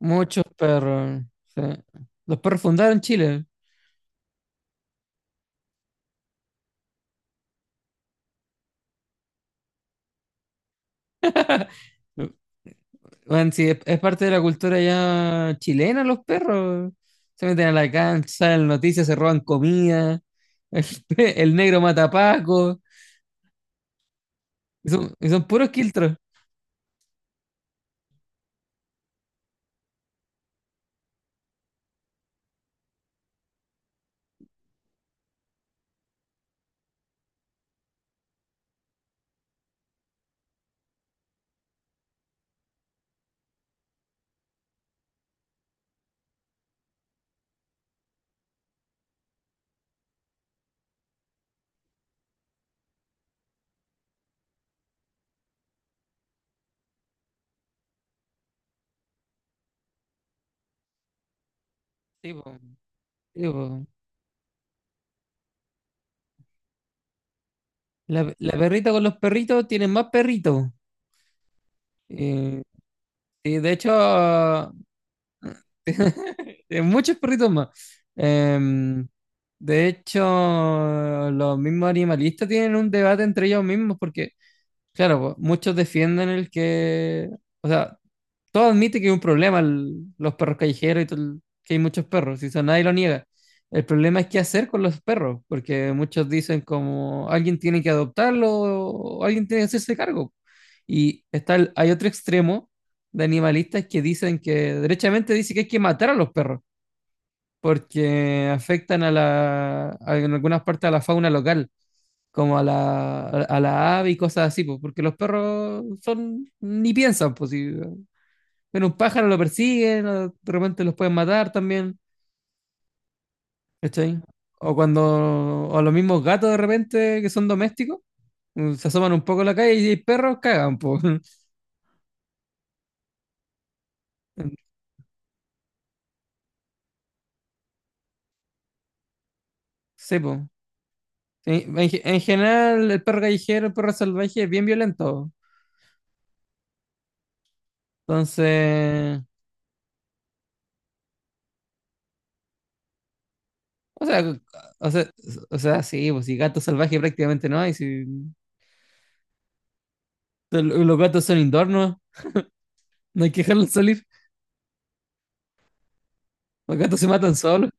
Muchos perros. Sí. Los perros fundaron Chile. Bueno, sí, es parte de la cultura ya chilena los perros. Se meten a la cancha, en noticias se roban comida, el negro mata pacos, y son puros quiltros. Sí, po, sí, po. La perrita con los perritos tienen más perritos. Eh, y de hecho, muchos perritos más. Em, de hecho, los mismos animalistas tienen un debate entre ellos mismos porque, claro, pues, muchos defienden el que, o sea, todo admite que es un problema los perros callejeros y todo que hay muchos perros, y eso nadie lo niega. El problema es qué hacer con los perros, porque muchos dicen como alguien tiene que adoptarlo o alguien tiene que hacerse cargo. Y está hay otro extremo de animalistas que dicen que, derechamente dice que hay que matar a los perros, porque afectan a en algunas partes a la fauna local como a la ave y cosas así, pues, porque los perros son, ni piensan, pues, si pero un pájaro lo persigue, o de repente los pueden matar también, ¿cachai? O cuando, o los mismos gatos de repente que son domésticos, se asoman un poco a la calle y hay perros, cagan, po. Sí, po. En general, el perro callejero, el perro salvaje es bien violento. Entonces, o sea, o sea, o sea, sí, pues si gatos salvajes prácticamente no hay, si los gatos son indoor, no, no hay que dejarlos salir, los gatos se matan solos.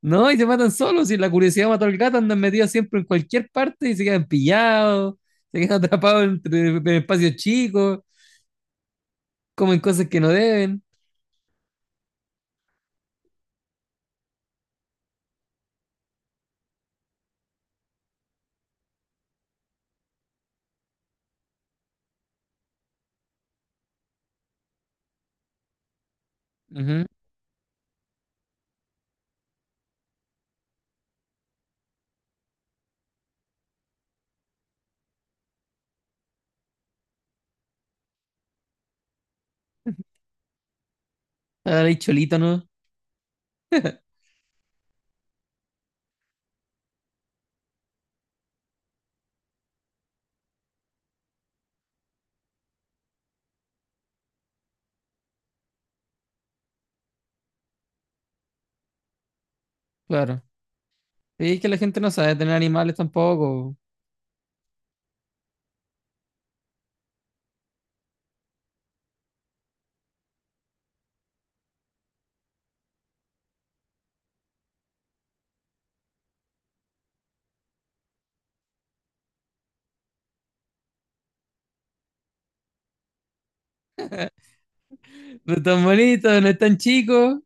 No, y se matan solos, y la curiosidad mató al gato, andan metidos siempre en cualquier parte y se quedan pillados, se quedan atrapados entre, en espacios chicos, comen cosas que no deben. Ujú. Ahora hay cholita, ¿no? Claro. Y es que la gente no sabe tener animales tampoco. No es tan bonito, no es tan chico.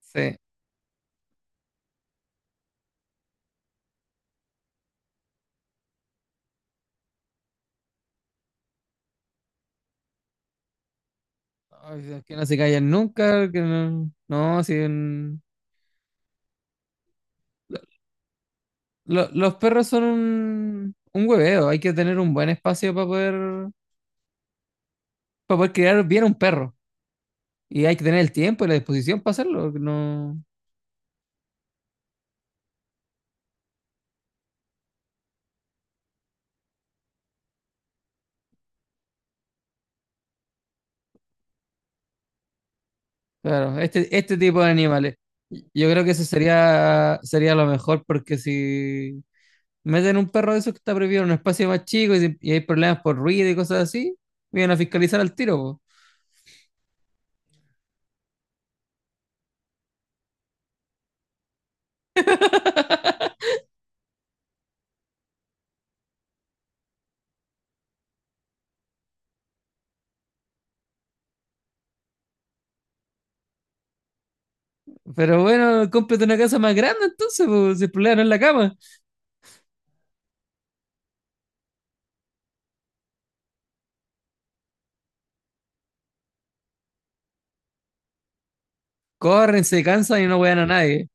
Sí. Ay, es que no se callan nunca, que no. No, sí, los perros son un hueveo, hay que tener un buen espacio para poder criar bien un perro. Y hay que tener el tiempo y la disposición para hacerlo. No, claro, este tipo de animales. Yo creo que eso sería, sería lo mejor porque si meten un perro de esos que está prohibido en un espacio más chico y, y hay problemas por ruido y cosas así, vienen a fiscalizar al tiro, po. Pero bueno, cómprate una casa más grande entonces, po, si el problema no es la cama. Corren, se cansan y no wean a nadie.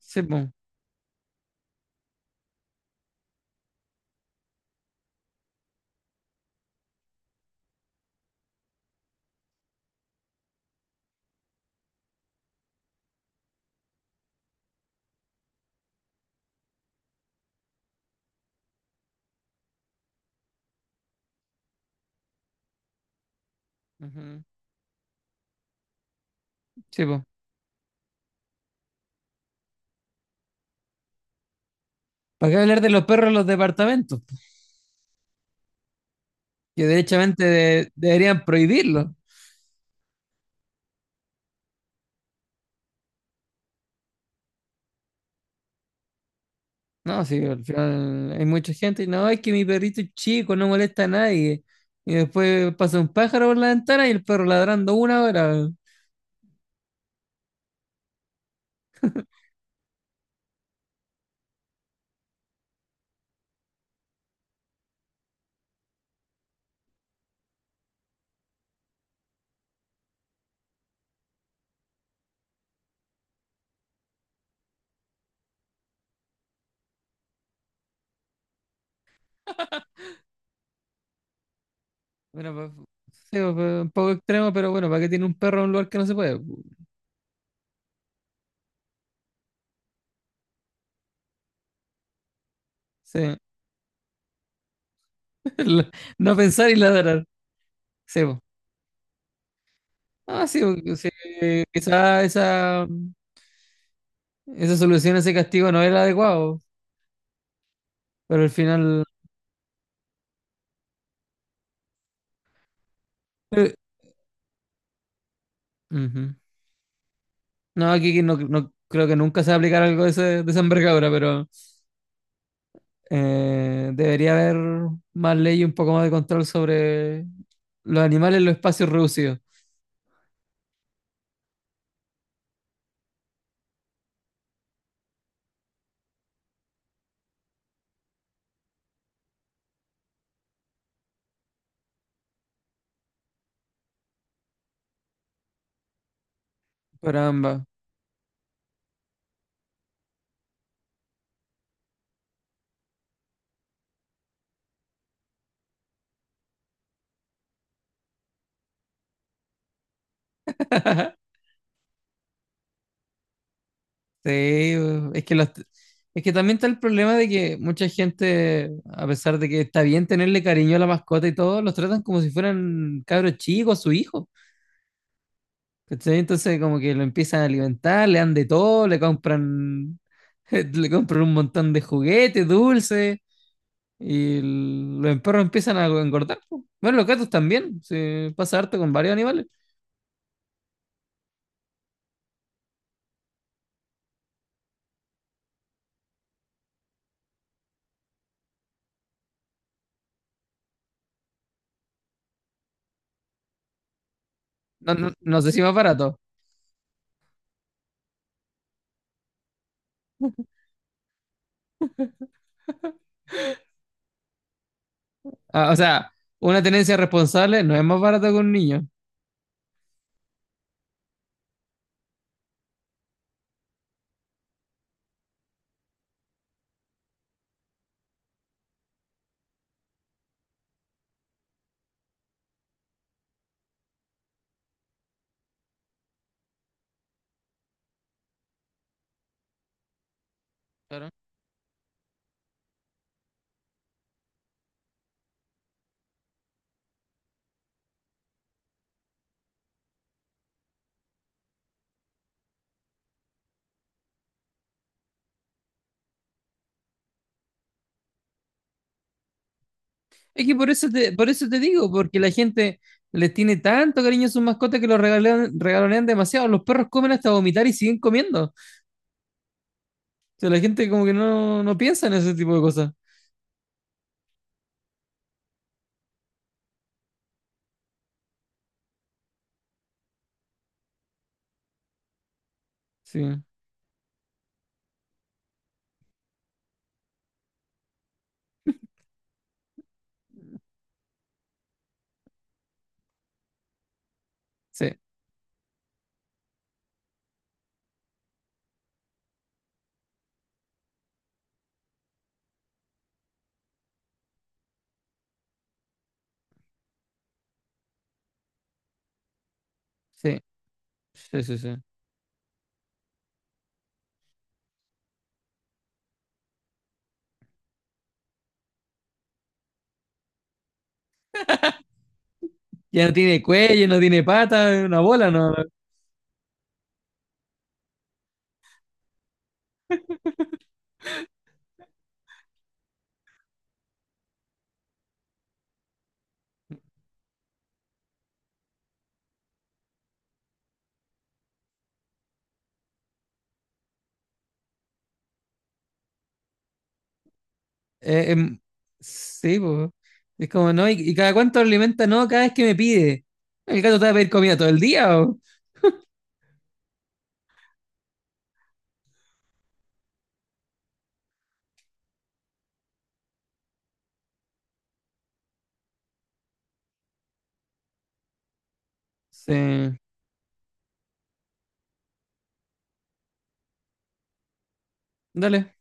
Sí, po. Ujú. Sí, po. ¿Para qué hablar de los perros en los departamentos, po? Que derechamente deberían prohibirlos. No, sí, al final hay mucha gente y no, es que mi perrito es chico, no molesta a nadie. Y después pasa un pájaro por la ventana y el perro ladrando una hora. Bueno, sí, pa- un poco extremo, pero bueno, ¿para qué tiene un perro en un lugar que no se puede? Sí. La- No pensar y ladrar. Sí, po. Ah, sí, po, sí, quizá esa solución, ese castigo no era adecuado, pero al final... Ujú. No, aquí no, no creo que nunca se va a aplicar algo de, ese, de esa envergadura, pero... debería haber más ley y un poco más de control sobre los animales en los espacios reducidos para ambas. Sí, pues, es que también está el problema de que mucha gente, a pesar de que está bien tenerle cariño a la mascota y todo, los tratan como si fueran cabros chicos, su hijo. ¿Cachai? Entonces como que lo empiezan a alimentar, le dan de todo, le compran, le compran un montón de juguetes, dulces. Y los perros empiezan a engordar, po. Bueno, los gatos también. Se pasa harto con varios animales. No, no, no sé si más barato. Ah, o sea, una tenencia responsable no es más barata que un niño. Claro. Es que por eso te digo, porque la gente les tiene tanto cariño a sus mascotas que los regalonean demasiado. Los perros comen hasta vomitar y siguen comiendo. O sea, la gente como que no, no piensa en ese tipo de cosas. Sí, sí, sí, sí, sí, sí. Ya no tiene cuello, no tiene pata, es una bola, no. Eh, em, sí, po. Es como, ¿no? Y cada cuánto alimenta? No, cada vez que me pide. El gato te va a pedir comida todo el día, po. Sí. Dale.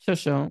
Chao, chao.